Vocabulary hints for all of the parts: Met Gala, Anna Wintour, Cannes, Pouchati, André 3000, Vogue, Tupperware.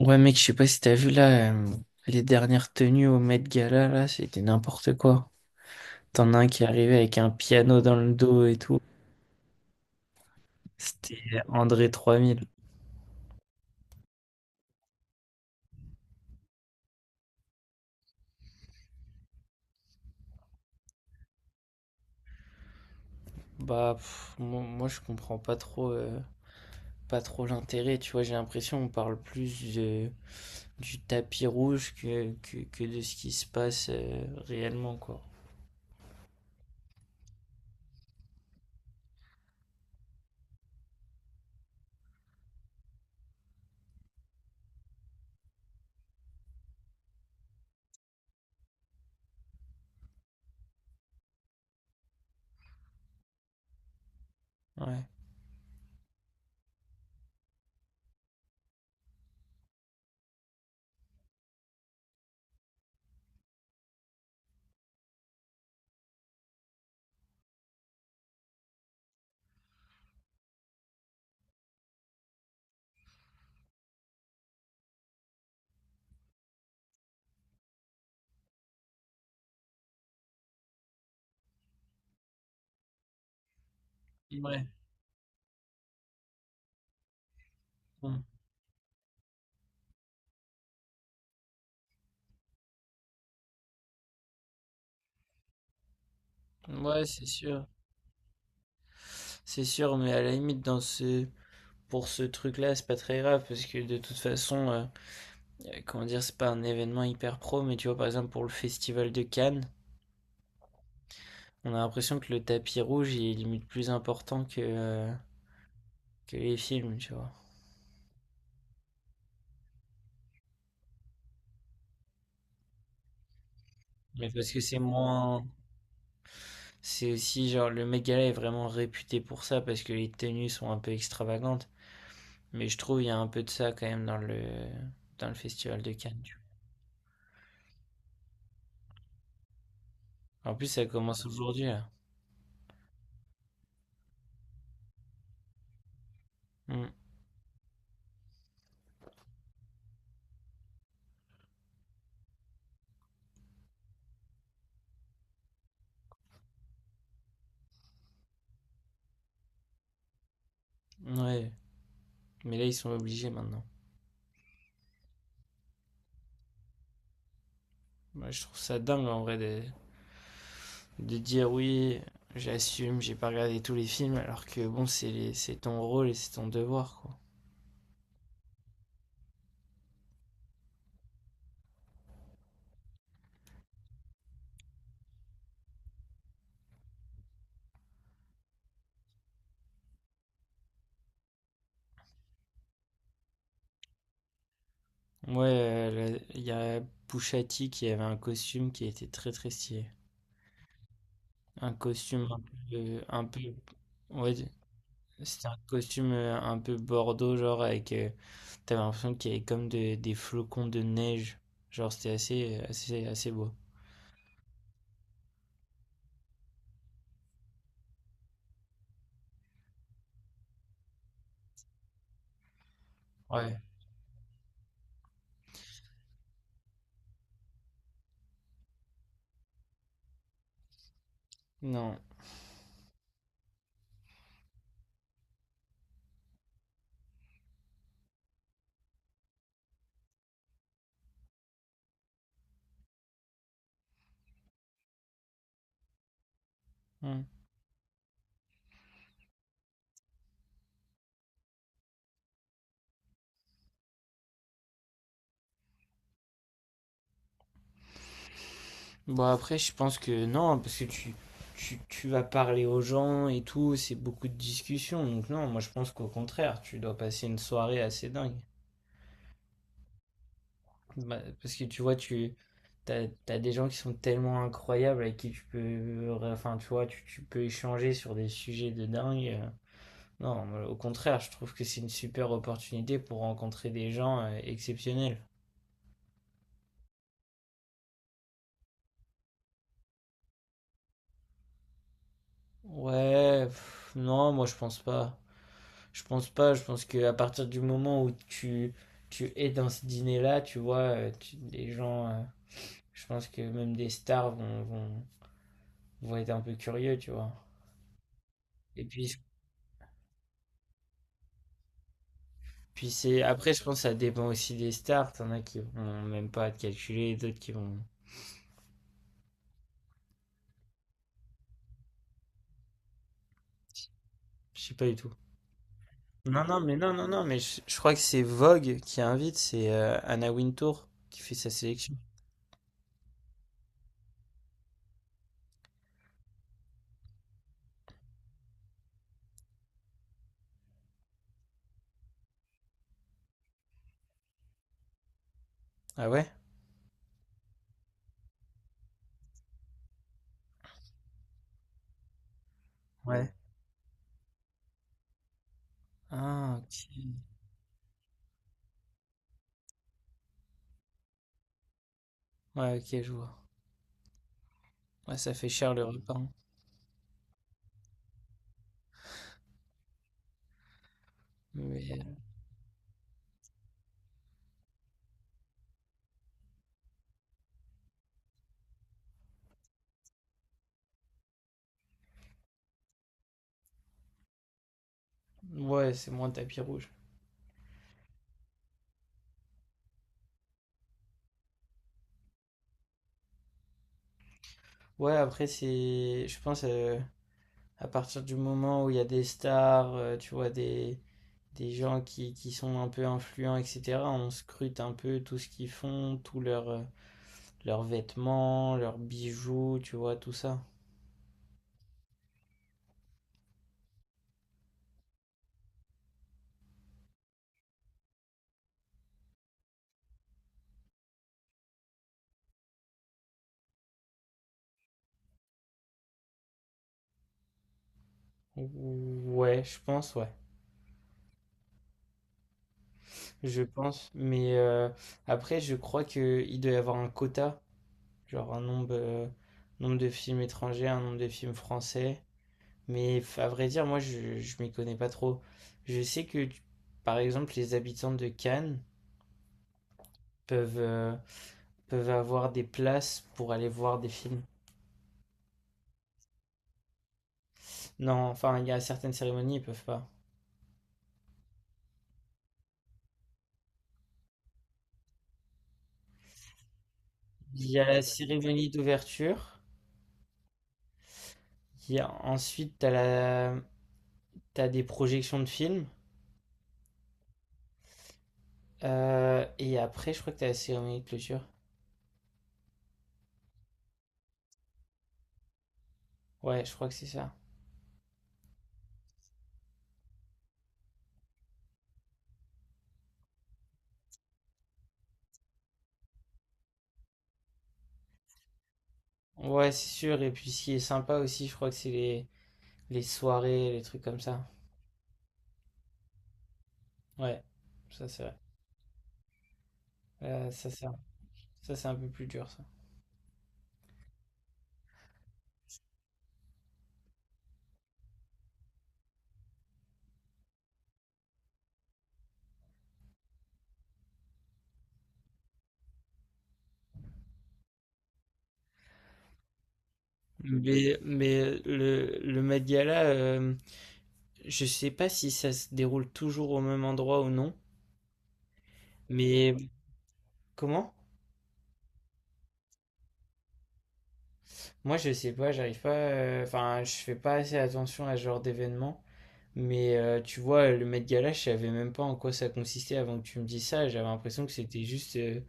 Ouais, mec, je sais pas si t'as vu là, les dernières tenues au Met Gala, là, c'était n'importe quoi. T'en as un qui est arrivé avec un piano dans le dos et tout. C'était André 3000. Moi, je comprends pas trop, pas trop l'intérêt, tu vois, j'ai l'impression on parle plus du tapis rouge que de ce qui se passe, réellement, quoi. Ouais. Ouais. Mm. Ouais, c'est sûr. C'est sûr, mais à la limite, pour ce truc-là, c'est pas très grave, parce que de toute façon, comment dire, c'est pas un événement hyper pro, mais tu vois, par exemple, pour le festival de Cannes, on a l'impression que le tapis rouge il est limite plus important que que les films, tu vois. Mais parce que c'est moins. C'est aussi genre le mec Gala est vraiment réputé pour ça parce que les tenues sont un peu extravagantes. Mais je trouve il y a un peu de ça quand même dans le festival de Cannes, tu vois. En plus ça commence aujourd'hui là. Mm. Ouais. Mais là ils sont obligés maintenant. Moi je trouve ça dingue en vrai de dire oui, j'assume, j'ai pas regardé tous les films, alors que bon, c'est ton rôle et c'est ton devoir, quoi. Moi, il y a Pouchati qui avait un costume qui était très très stylé. Un costume un peu, ouais, c'était un costume un peu bordeaux, genre avec, t'avais l'impression qu'il y avait des flocons de neige, genre c'était assez, assez beau. Ouais, non. Hmm. Bon, après, je pense que non, parce que tu vas parler aux gens et tout, c'est beaucoup de discussions. Donc, non, moi, je pense qu'au contraire, tu dois passer une soirée assez dingue. Bah, parce que tu vois, t'as des gens qui sont tellement incroyables avec qui tu peux, enfin, tu vois, tu peux échanger sur des sujets de dingue. Non, moi, au contraire, je trouve que c'est une super opportunité pour rencontrer des gens exceptionnels. Ouais, pff, non, moi, je pense pas. Je pense pas, je pense qu'à partir du moment où tu es dans ce dîner-là, tu vois, les gens, je pense que même des stars vont être un peu curieux, tu vois. Et puis, après, je pense que ça dépend aussi des stars. T'en as qui vont même pas te calculer, d'autres qui vont, je sais pas du tout. Non, non, mais non, non, non, mais je crois que c'est Vogue qui invite, c'est Anna Wintour qui fait sa sélection. Ah ouais? Ouais. Ah, ok. Ouais, ok, je vois. Ouais, ça fait cher le repas, hein. Mais, ouais, c'est moins tapis rouge. Ouais, après, c'est. Je pense à partir du moment où il y a des stars, tu vois, des gens qui sont un peu influents, etc., on scrute un peu tout ce qu'ils font, tous leurs leurs vêtements, leurs bijoux, tu vois, tout ça. Ouais, je pense, ouais. Je pense. Mais après, je crois qu'il doit y avoir un quota, genre un nombre, nombre de films étrangers, un nombre de films français. Mais à vrai dire, moi, je m'y connais pas trop. Je sais que, par exemple, les habitants de Cannes peuvent, peuvent avoir des places pour aller voir des films. Non, enfin, il y a certaines cérémonies, ils peuvent pas. Il y a la cérémonie d'ouverture. Il y a ensuite, t'as des projections de films. Et après, je crois que t'as la cérémonie de clôture. Ouais, je crois que c'est ça. Ouais, c'est sûr. Et puis, ce qui est sympa aussi, je crois que c'est les soirées, les trucs comme ça. Ouais, ça c'est vrai. Euh, ça, c'est un... ça, c'est un peu plus dur, ça. Mais le Met Gala, je sais pas si ça se déroule toujours au même endroit ou non, mais comment? Moi, je sais pas, j'arrive pas, enfin, je fais pas assez attention à ce genre d'événement, mais tu vois, le Met Gala, je savais même pas en quoi ça consistait avant que tu me dises ça, j'avais l'impression que c'était juste, euh,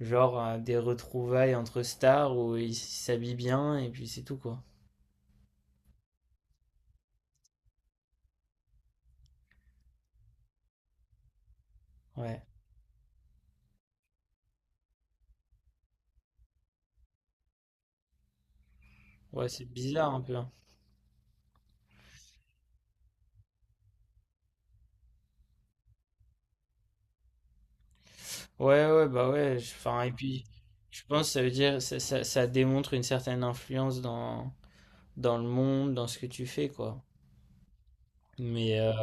genre, euh, des retrouvailles entre stars où ils s'habillent bien et puis c'est tout, quoi. Ouais, ouais, c'est bizarre un peu, hein. Ouais, ouais, bah ouais, enfin, et puis, je pense que ça veut dire, ça démontre une certaine influence dans, dans le monde, dans ce que tu fais, quoi. Mais,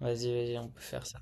vas-y, vas-y, on peut faire ça.